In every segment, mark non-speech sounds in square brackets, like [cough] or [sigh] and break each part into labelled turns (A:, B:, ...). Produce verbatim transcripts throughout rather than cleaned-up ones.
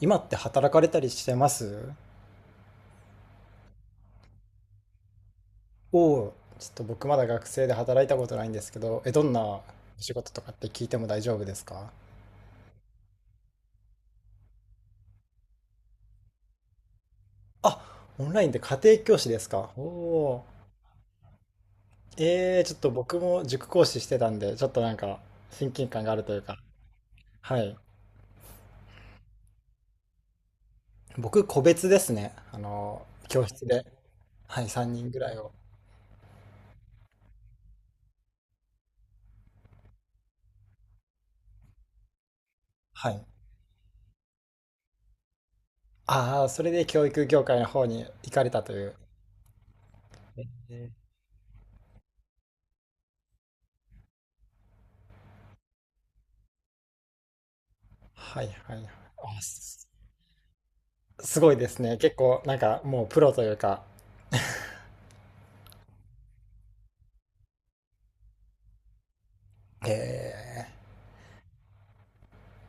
A: 今って働かれたりしてます。をちょっと僕まだ学生で働いたことないんですけど、えどんなお仕事とかって聞いても大丈夫ですか？あ、オンラインで家庭教師ですか。お。おー。えー、ちょっと僕も塾講師してたんで、ちょっとなんか親近感があるというか。はい。僕個別ですね、あの教室で。はい、さんにんぐらいを。はい。ああー、それで教育業界の方に行かれたという。えーはいはいはい。あ、すごいですね。結構、なんかもうプロというか、え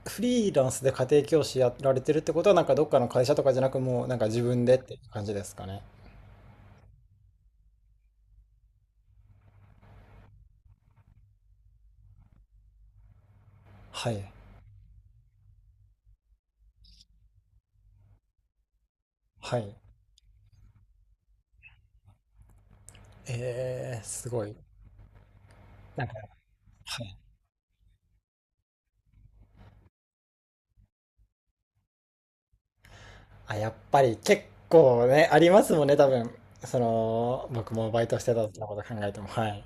A: ー、フリーランスで家庭教師やられてるってことは、なんかどっかの会社とかじゃなく、もうなんか自分でって感じですかね。はい。はい。えー、すごい。なんか、はい。あ、やっぱり結構ね、ありますもんね、多分。その、僕もバイトしてた時のこと考えても。はい。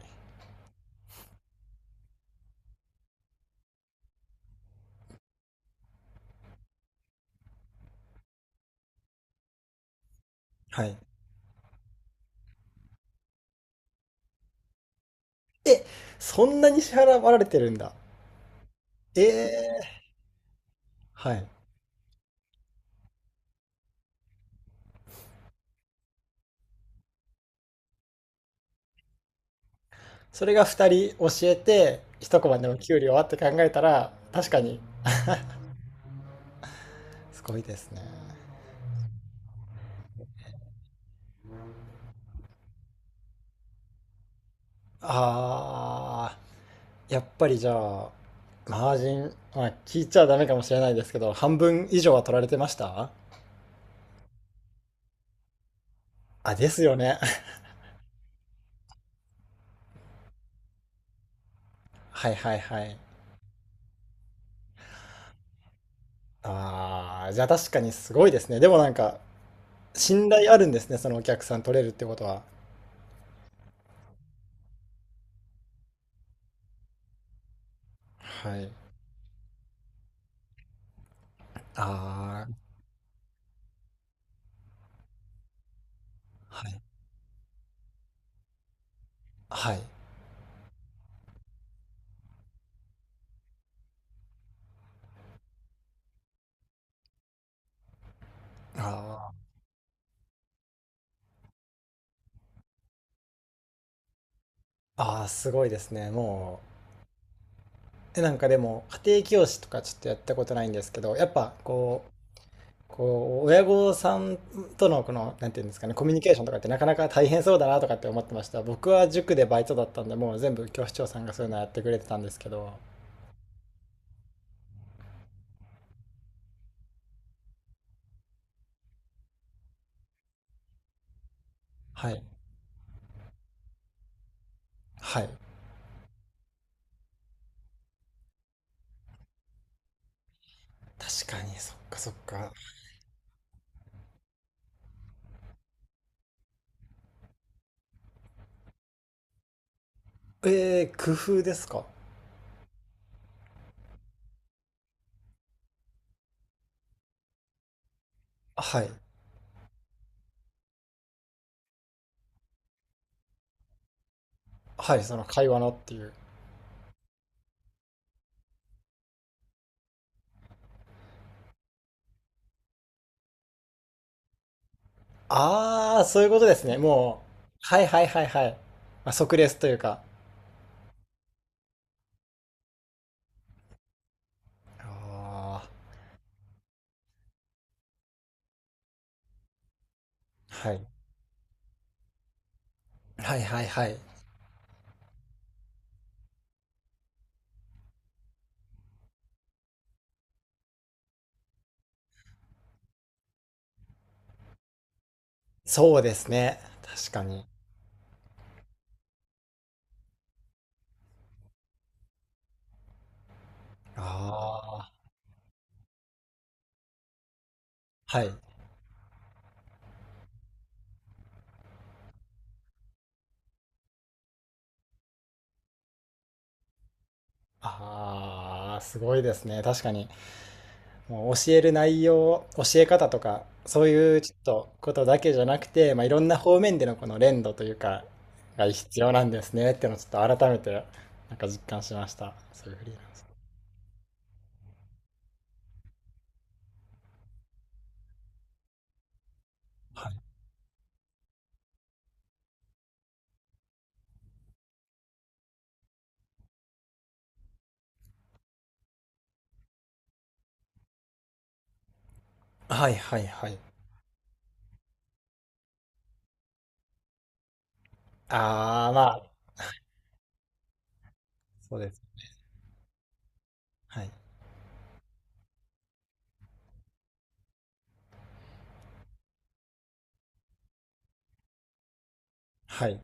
A: はい。え、そんなに支払われてるんだ。えー、はい。それがふたり教えて一コマでも給料はって考えたら確かにすごいですね。あー、やっぱりじゃあマージン、まあ、聞いちゃダメかもしれないですけど、半分以上は取られてました？あ、ですよね。 [laughs] はいはいはい。あー、じゃあ確かにすごいですね。でもなんか信頼あるんですね、そのお客さん取れるってことは。はい。ああ、はい。はい。あー。ああ、すごいですね、も。えなんかでも家庭教師とかちょっとやったことないんですけど、やっぱこう、こう親御さんとのこのなんていうんですかね、コミュニケーションとかってなかなか大変そうだなとかって思ってました。僕は塾でバイトだったんで、もう全部教師長さんがそういうのやってくれてたんですけど。はい。はい、確かに。そっかそっか。えー、工夫ですか？はい。はい、その会話のっていう。ああー、そういうことですね、もう。はいはいはいはい。まあ、即レスというか。あー、はいはいはいはい。そうですね。確かに。ああ、はい。ああ、すごいですね。確かに。もう教える内容、教え方とか、そういうちょっとことだけじゃなくて、まあ、いろんな方面でのこの連動というか、が必要なんですねっていうのをちょっと改めて、なんか実感しました。そういうフリーランス。はいはいはい。ああ、まあ、そうです。はい。はい。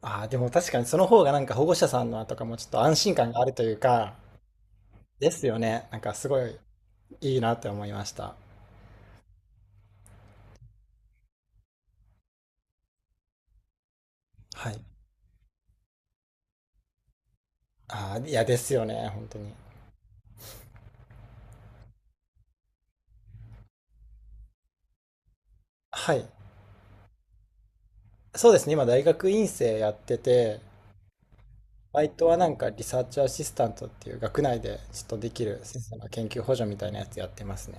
A: ああ、でも確かにその方がなんか保護者さんのとかもちょっと安心感があるというか、ですよね。なんかすごいいいなって思いました。はい。ああ、いやですよね、本当に。はい。そうですね、今大学院生やってて、バイトはなんかリサーチアシスタントっていう学内でちょっとできる先生の研究補助みたいなやつやってますね。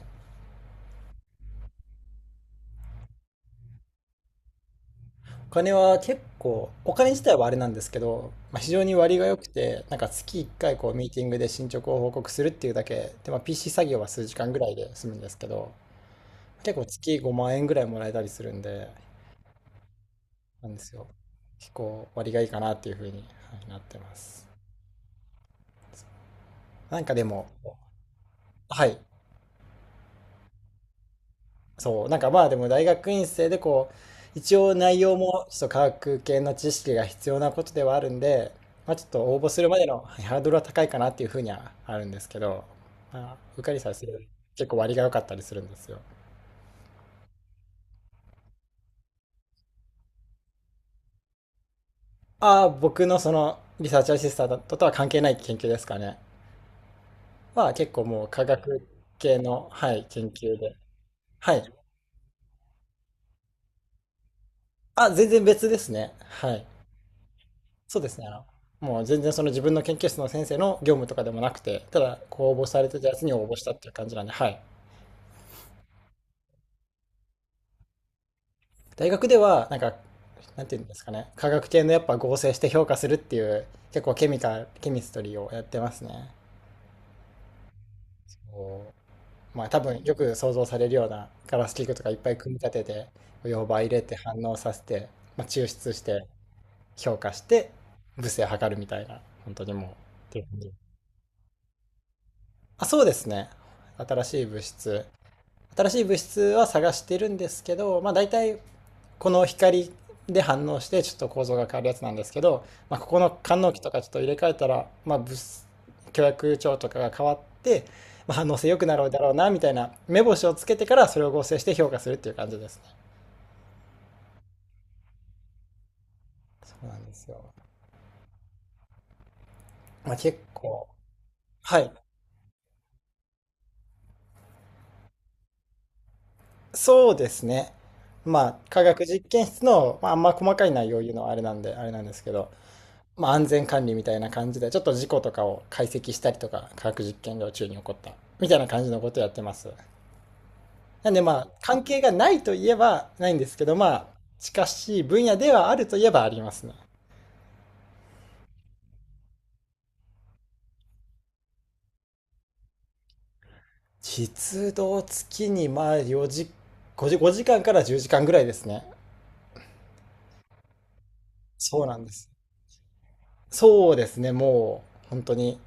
A: お金は結構、お金自体はあれなんですけど、まあ、非常に割が良くて、なんか月いっかいこうミーティングで進捗を報告するっていうだけで、まあ、ピーシー 作業は数時間ぐらいで済むんですけど、結構月ごまん円ぐらいもらえたりするんで、なんですよ。結構割がいいかなっていうふうに、はい、なってます。なんかでも、はい、そう、なんかまあでも大学院生でこう、一応内容もちょっと科学系の知識が必要なことではあるんで、まあちょっと応募するまでの、はい、ハードルは高いかなっていうふうにはあるんですけど、まあ、受かりさえするより結構割が良かったりするんですよ。ああ、僕のそのリサーチアシスタントとは関係ない研究ですかね。は結構もう科学系の、はい、研究で。はい。あ、全然別ですね。はい。そうですね。あの、もう全然その自分の研究室の先生の業務とかでもなくて、ただ、こう応募されてたやつに応募したっていう感じなんで、はい。大学では、なんか、なんていうんですかね、化学系のやっぱ合成して評価するっていう、結構ケミカル、ケミストリーをやってますね。こう、まあ多分よく想像されるようなガラス器具とかいっぱい組み立てて、溶媒入れて反応させて、まあ、抽出して、評価して、物性を測るみたいな、本当にもう、っていう感じ。あ、そうですね。新しい物質。新しい物質は探してるんですけど、まあ大体この光で反応してちょっと構造が変わるやつなんですけど、まあ、ここの官能器とかちょっと入れ替えたら、まあ、物質許諾帳とかが変わって、まあ、反応性良くなるだろうなみたいな目星をつけてからそれを合成して評価するっていう感じですね。そうなんですよ。まあ、結構、はい。そうですね。まあ、科学実験室の、まあ、あんま細かい内容を言うのはあれなんで、あれなんですけど、まあ、安全管理みたいな感じで、ちょっと事故とかを解析したりとか、科学実験量中に起こった、みたいな感じのことをやってます。なんでまあ、関係がないといえばないんですけど、まあ、近しい分野ではあるといえばありますね。実働月にまあよじ、ごじ、ごじかんからじゅうじかんぐらいですね。そうなんです。そうですね、もう、本当に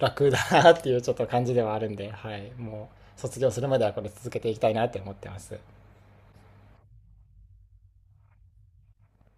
A: 楽だなっていうちょっと感じではあるんで、はい、もう、卒業するまではこれ続けていきたいなって思ってます。